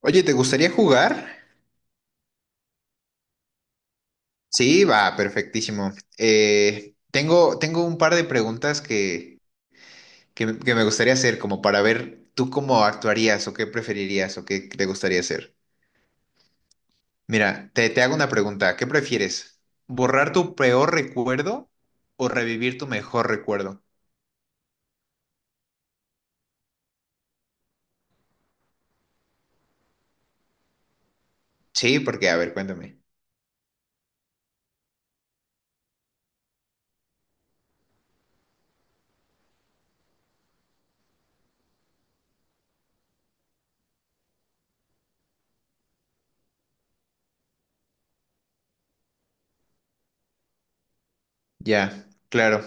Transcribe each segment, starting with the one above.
Oye, ¿te gustaría jugar? Sí, va, perfectísimo. Tengo un par de preguntas que me gustaría hacer, como para ver tú cómo actuarías o qué preferirías o qué te gustaría hacer. Mira, te hago una pregunta. ¿Qué prefieres? ¿Borrar tu peor recuerdo o revivir tu mejor recuerdo? Sí, porque, a ver, cuéntame. Ya, claro.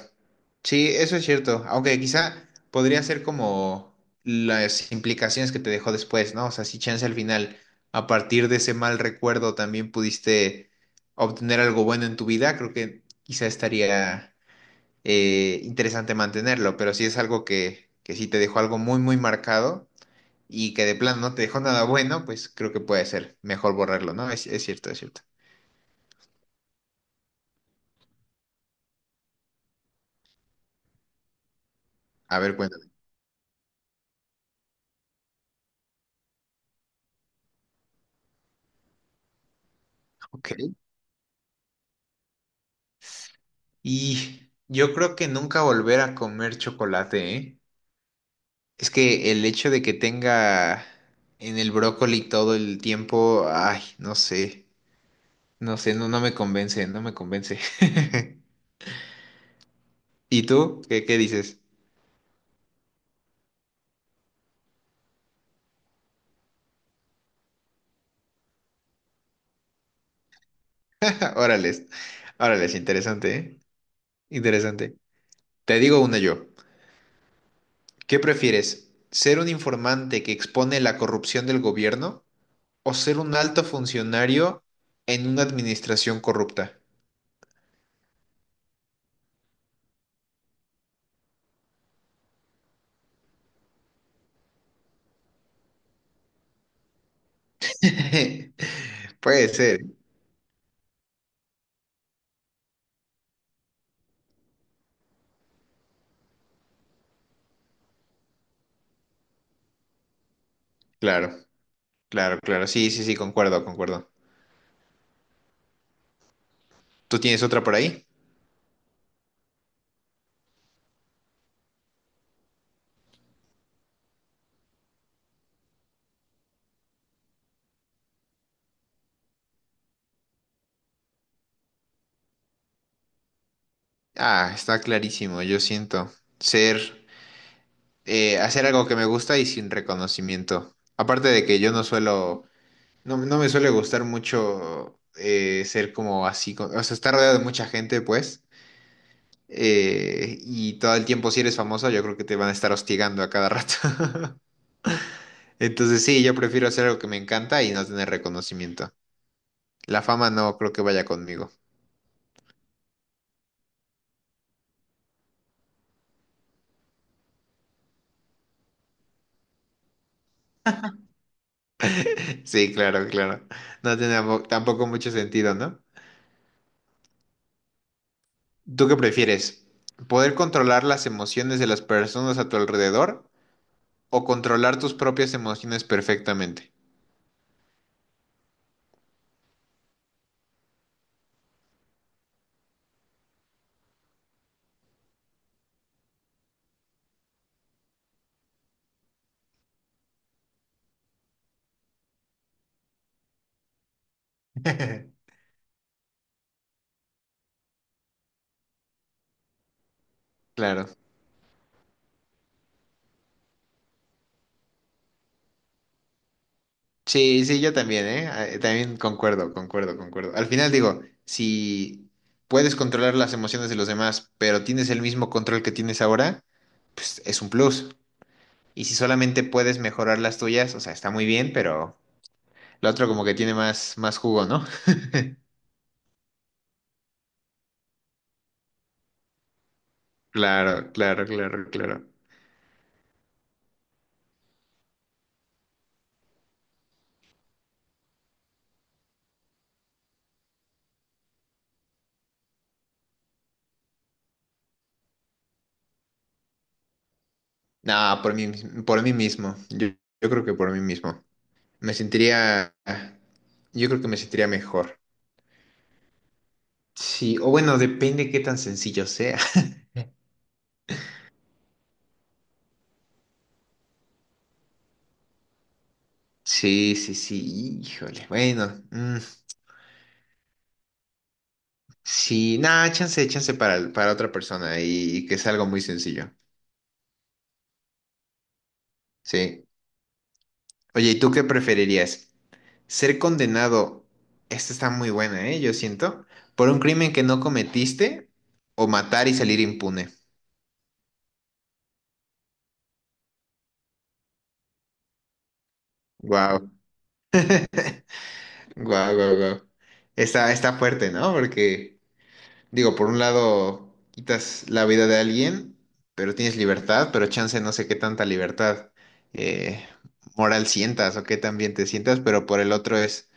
Sí, eso es cierto. Aunque quizá podría ser como las implicaciones que te dejó después, ¿no? O sea, si chance al final, a partir de ese mal recuerdo también pudiste obtener algo bueno en tu vida, creo que quizá estaría interesante mantenerlo. Pero si es algo que sí te dejó algo muy, muy marcado y que de plano no te dejó nada bueno, pues creo que puede ser mejor borrarlo, ¿no? Es cierto, es cierto. A ver, cuéntame. Ok. Y yo creo que nunca volver a comer chocolate, ¿eh? Es que el hecho de que tenga en el brócoli todo el tiempo, ay, no sé, no sé, no me convence, no me convence. ¿Y tú? ¿Qué dices? Órales, órales, interesante, ¿eh? Interesante. Te digo una yo. ¿Qué prefieres? ¿Ser un informante que expone la corrupción del gobierno o ser un alto funcionario en una administración corrupta? Puede ser. Claro, claro, claro. Sí, sí, sí, concuerdo, concuerdo. ¿Tú tienes otra por ahí? Ah, está clarísimo, yo siento. Ser, hacer algo que me gusta y sin reconocimiento. Aparte de que yo no suelo, no me suele gustar mucho ser como así, co- o sea, estar rodeado de mucha gente, pues. Y todo el tiempo, si eres famoso, yo creo que te van a estar hostigando a cada rato. Entonces, sí, yo prefiero hacer algo que me encanta y no tener reconocimiento. La fama no creo que vaya conmigo. Sí, claro, claro. No tiene tampo- tampoco mucho sentido, ¿no? ¿Tú qué prefieres? ¿Poder controlar las emociones de las personas a tu alrededor o controlar tus propias emociones perfectamente? Claro. Sí, sí, yo también, ¿eh? También concuerdo, concuerdo, concuerdo. Al final digo, si puedes controlar las emociones de los demás, pero tienes el mismo control que tienes ahora, pues es un plus. Y si solamente puedes mejorar las tuyas, o sea, está muy bien, pero lo otro como que tiene más, más jugo, ¿no? Claro, claro, claro, claro. No, por mí, mis- por mí mismo. Yo creo que por mí mismo. Me sentiría, yo creo que me sentiría mejor. Sí, o bueno, depende qué tan sencillo sea. Sí, sí, sí, híjole. Bueno, sí, nada, chance, chance para otra persona y, que es algo muy sencillo. Sí. Oye, ¿y tú qué preferirías? ¿Ser condenado? Esta está muy buena, ¿eh? Yo siento. ¿Por un crimen que no cometiste o matar y salir impune? Wow, wow, wow, wow. Está, está fuerte, ¿no? Porque, digo, por un lado quitas la vida de alguien, pero tienes libertad, pero chance no sé qué tanta libertad eh, moral sientas o qué tan bien te sientas, pero por el otro es,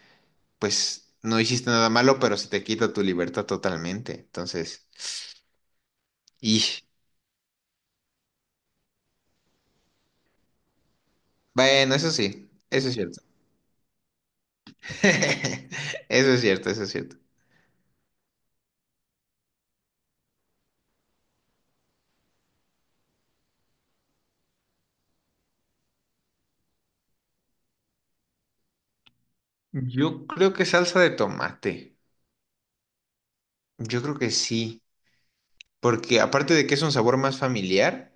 pues no hiciste nada malo, pero se te quita tu libertad totalmente. Entonces, y bueno, eso sí, eso es cierto. Eso es cierto, eso es cierto. Yo creo que salsa de tomate. Yo creo que sí. Porque aparte de que es un sabor más familiar,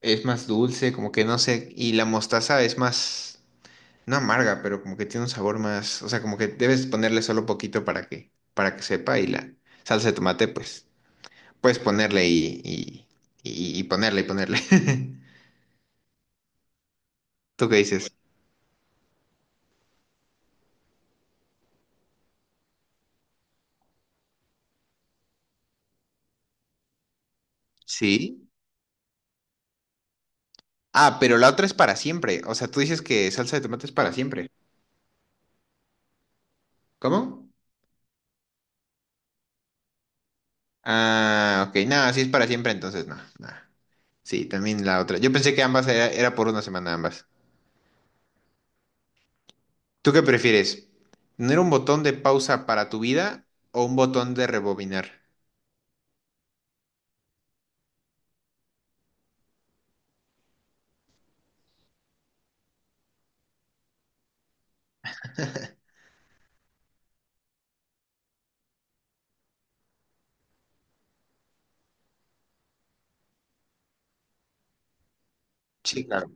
es más dulce, como que no sé, y la mostaza es más, no amarga, pero como que tiene un sabor más, o sea, como que debes ponerle solo poquito para que sepa, y la salsa de tomate, pues, puedes ponerle y ponerle y ponerle. ¿Tú qué dices? Sí. Ah, pero la otra es para siempre, o sea, tú dices que salsa de tomate es para siempre. ¿Cómo? Ah, ok, nada, si es para siempre, entonces no, nada. Sí, también la otra. Yo pensé que ambas era, era por una semana ambas. ¿Tú qué prefieres? ¿Tener un botón de pausa para tu vida o un botón de rebobinar? Sí, claro.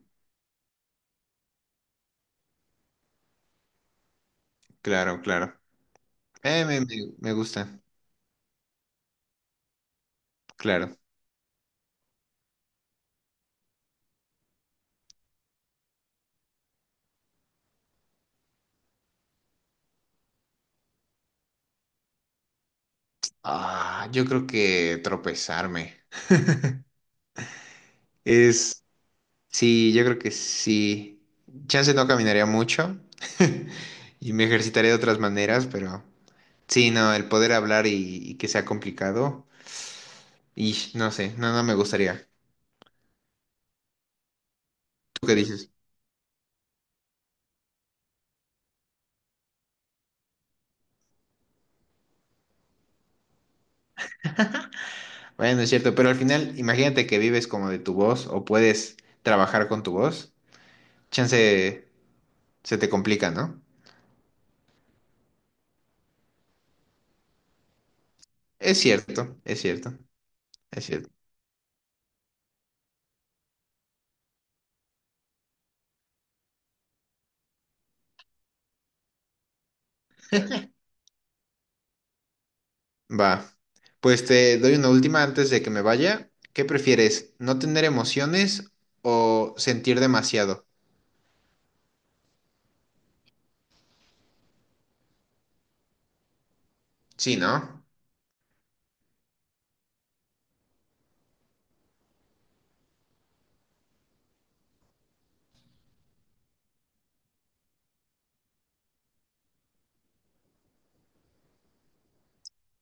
Claro, claro. Me gusta, claro. Ah, yo creo que tropezarme. Es, sí, yo creo que sí. Chance no caminaría mucho y me ejercitaré de otras maneras, pero sí, no, el poder hablar y que sea complicado, y no sé, no me gustaría. ¿Tú qué dices? Bueno, es cierto, pero al final, imagínate que vives como de tu voz o puedes trabajar con tu voz. Chance se te complica, ¿no? Es cierto, es cierto, es cierto. Va. Pues te doy una última antes de que me vaya. ¿Qué prefieres? ¿No tener emociones o sentir demasiado? Sí, ¿no?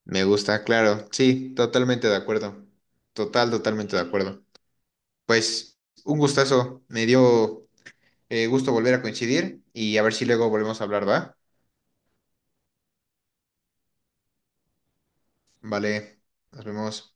Me gusta, claro. Sí, totalmente de acuerdo. Total, totalmente de acuerdo. Pues un gustazo. Me dio gusto volver a coincidir y a ver si luego volvemos a hablar, ¿va? Vale, nos vemos.